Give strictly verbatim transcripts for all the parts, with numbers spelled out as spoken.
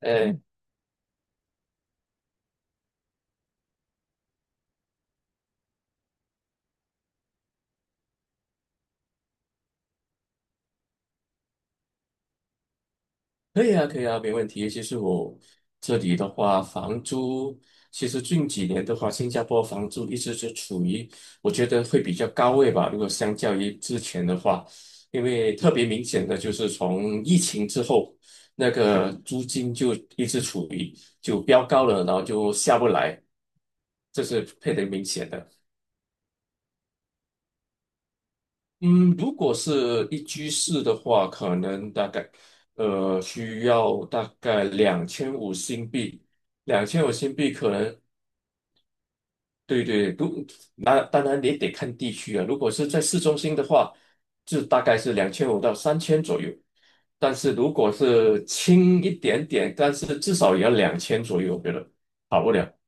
哎，可以啊，可以啊，没问题。其实我这里的话，房租其实近几年的话，新加坡房租一直是处于我觉得会比较高位吧。如果相较于之前的话，因为特别明显的就是从疫情之后，那个租金就一直处于就飙高了，然后就下不来，这是特别明显的。嗯，如果是一居室的话，可能大概呃需要大概两千五新币。两千五新币可能对对，如那当然也得看地区啊。如果是在市中心的话，就大概是两千五到三千左右，但是如果是轻一点点，但是至少也要两千左右，我觉得。不了。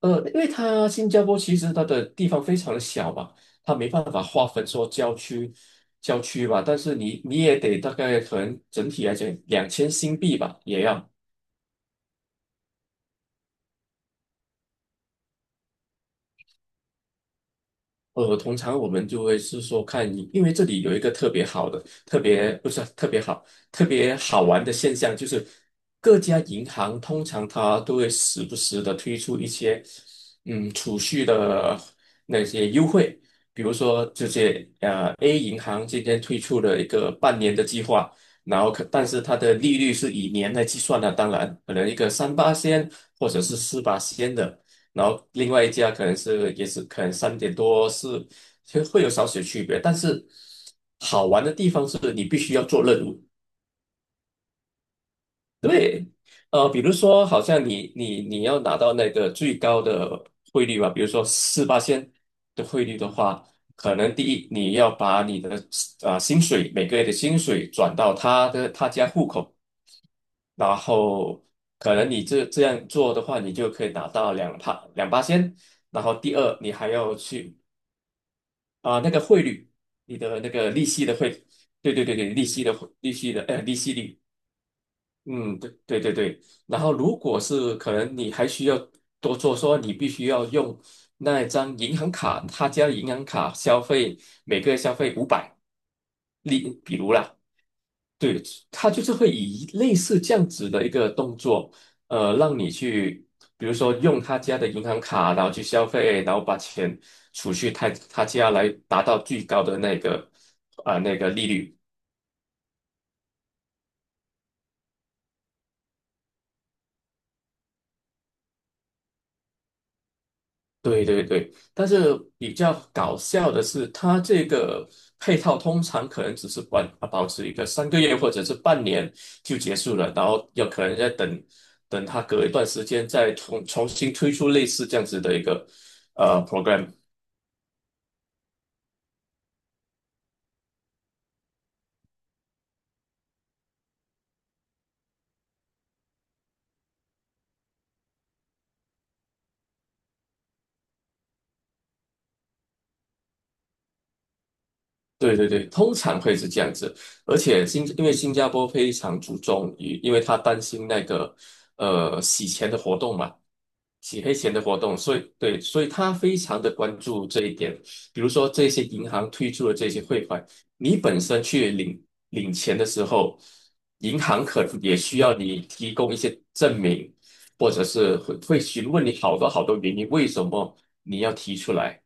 呃，因为它新加坡其实它的地方非常的小吧，它没办法划分说郊区、郊区吧，但是你你也得大概可能整体来讲两千新币吧，也要。呃，通常我们就会是说看你，因为这里有一个特别好的、特别不是特别好、特别好玩的现象，就是各家银行通常它都会时不时的推出一些嗯储蓄的那些优惠。比如说这些呃 A 银行今天推出了一个半年的计划，然后可但是它的利率是以年来计算的，当然可能一个三八仙或者是四八仙的。然后另外一家可能是也是可能三点多是实会有少许区别，但是好玩的地方是你必须要做任务。呃，比如说好像你你你要拿到那个最高的汇率吧，比如说四八线的汇率的话，可能第一你要把你的啊、薪水，每个月的薪水转到他的他家户口，然后可能你这这样做的话，你就可以拿到两帕两八仙，然后第二，你还要去啊、那个汇率，你的那个利息的汇，对对对对，利息的汇利息的呃利息率，嗯，对对对对。然后如果是可能你还需要多做说，你必须要用那一张银行卡，他家银行卡消费，每个月消费五百，例比如啦。对，他就是会以类似这样子的一个动作，呃，让你去，比如说用他家的银行卡，然后去消费，然后把钱储蓄他他家来达到最高的那个啊、那个利率。对对对，但是比较搞笑的是，它这个配套通常可能只是保保持一个三个月或者是半年就结束了，然后有可能再等等它隔一段时间再重重新推出类似这样子的一个呃 program。对对对，通常会是这样子，而且新因为新加坡非常注重于，因为他担心那个呃洗钱的活动嘛，洗黑钱的活动，所以对，所以他非常的关注这一点。比如说这些银行推出的这些汇款，你本身去领领钱的时候，银行可能也需要你提供一些证明，或者是会会询问你好多好多原因，为什么你要提出来。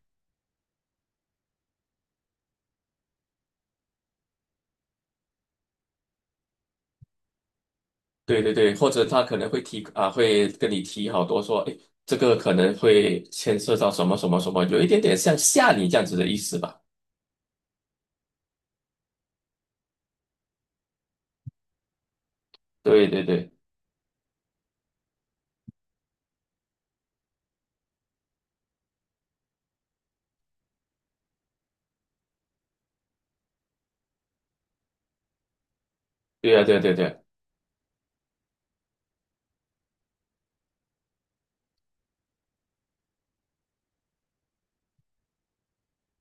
对对对，或者他可能会提啊，会跟你提好多说，哎，这个可能会牵涉到什么什么什么，有一点点像吓你这样子的意思吧？对对对，对啊，对对对，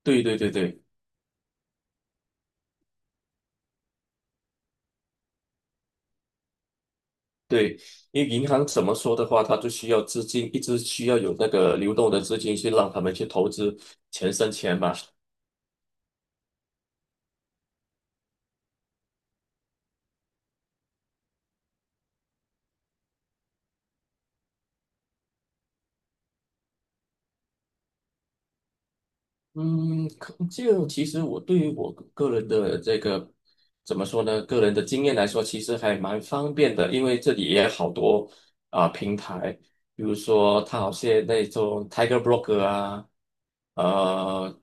对对对对对，因为银行怎么说的话，它就需要资金，一直需要有那个流动的资金去让他们去投资，钱生钱嘛。嗯，可就其实我对于我个人的这个怎么说呢？个人的经验来说，其实还蛮方便的，因为这里也有好多啊、平台，比如说它好些那种 Tiger Broker 啊，呃，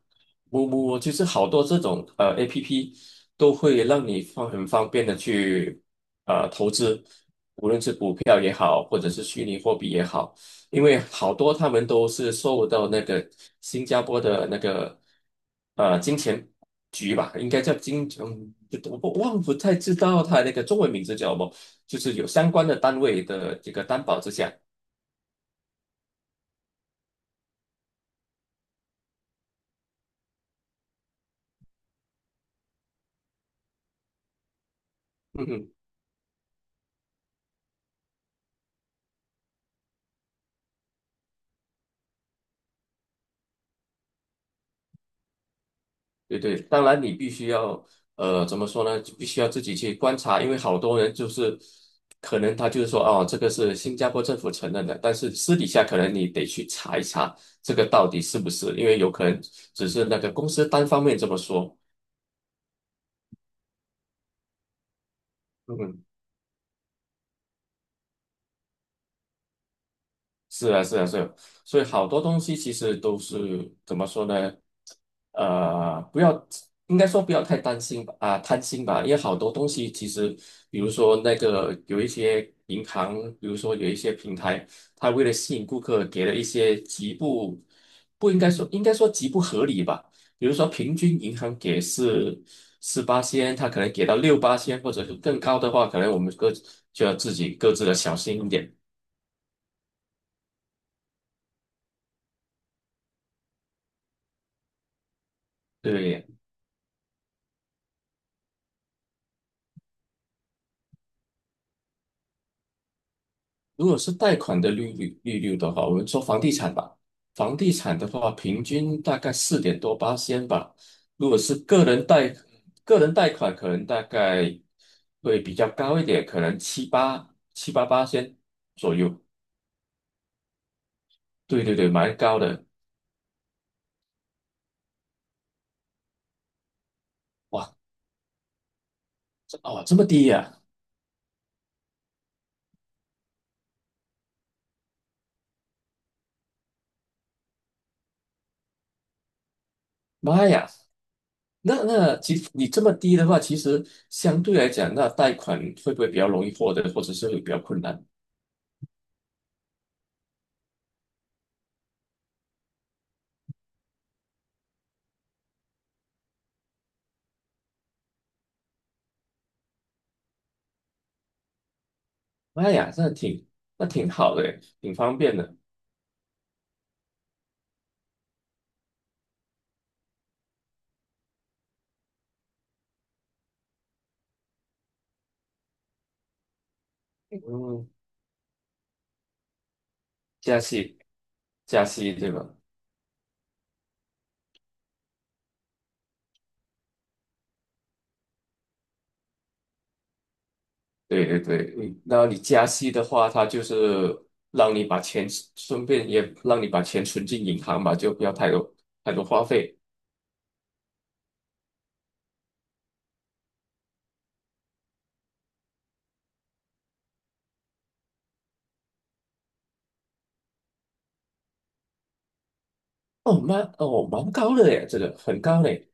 木木，就是好多这种呃 A P P 都会让你方很方便的去呃投资。票也好，或者是虚拟货币也好，因为好多他们都是受到那个新加坡的那个呃金钱局吧，应该叫金，嗯，不我不忘不太知道它那个中文名字叫什么，就是有相关的单位的这个担保之下。嗯哼。对对，当然你必须要，呃，怎么说呢？就必须要自己去观察，因为好多人就是可能他就是说，哦，这个是新加坡政府承认的，但是私底下可能你得去查一查这个到底是不是，因为有可能只是那个公司单方面这么说。嗯，是啊，是啊，是啊，所以好多东西其实都是怎么说呢？呃，不要，应该说不要太担心吧，啊，贪心吧，因为好多东西其实，比如说那个有一些银行，比如说有一些平台，它为了吸引顾客，给了一些极不，不应该说，应该说极不合理吧。比如说平均银行给是四八仙，它可能给到六八仙，或者是更高的话，可能我们各就要自己各自的小心一点。对。如果是贷款的利率利率的话，我们说房地产吧，房地产的话，平均大概四点多八仙吧。如果是个人贷，个人贷款可能大概会比较高一点，可能七八七八八千左右。对对对，蛮高的。哇，这哦这么低呀、妈呀！那那其实你这么低的话，其实相对来讲，那贷款会不会比较容易获得，或者是会比较困难？妈呀，那挺那挺好的，挺方便的。嗯，加息，加息对吧？对对对，嗯然后你加息的话，它就是让你把钱，顺便也让你把钱存进银行吧，就不要太多太多花费。哦，蛮哦蛮高的耶，这个很高嘞。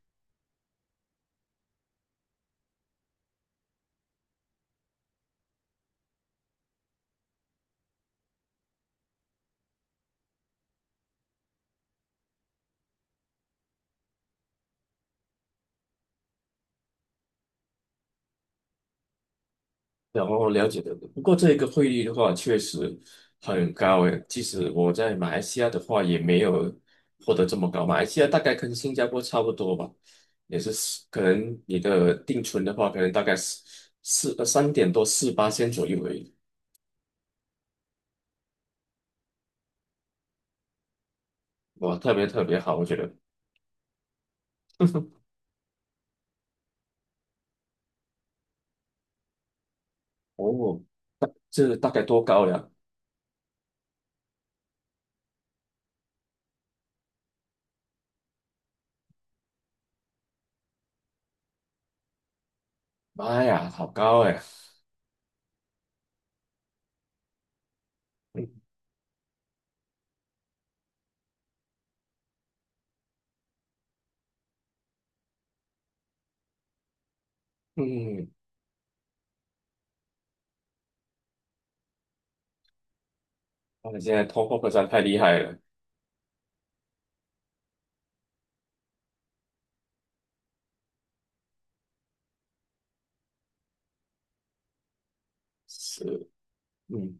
然后了解的，不过这个汇率的话确实很高诶，即使我在马来西亚的话也没有获得这么高，马来西亚大概跟新加坡差不多吧，也是四可能你的定存的话，可能大概四四呃三点多四八千左右而已。哇，特别特别好，我觉得。哦，这大概多高呀？妈呀，好高哎！嗯，他们现在通货膨胀太厉害了。是，嗯。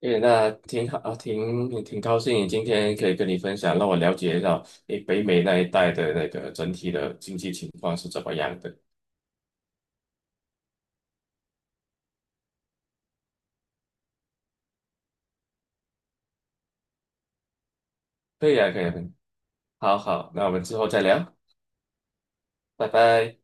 诶，那挺好，啊挺挺高兴今天可以跟你分享，让我了解到诶北美那一带的那个整体的经济情况是怎么样的。可以啊，可以啊，好好，那我们之后再聊，拜拜。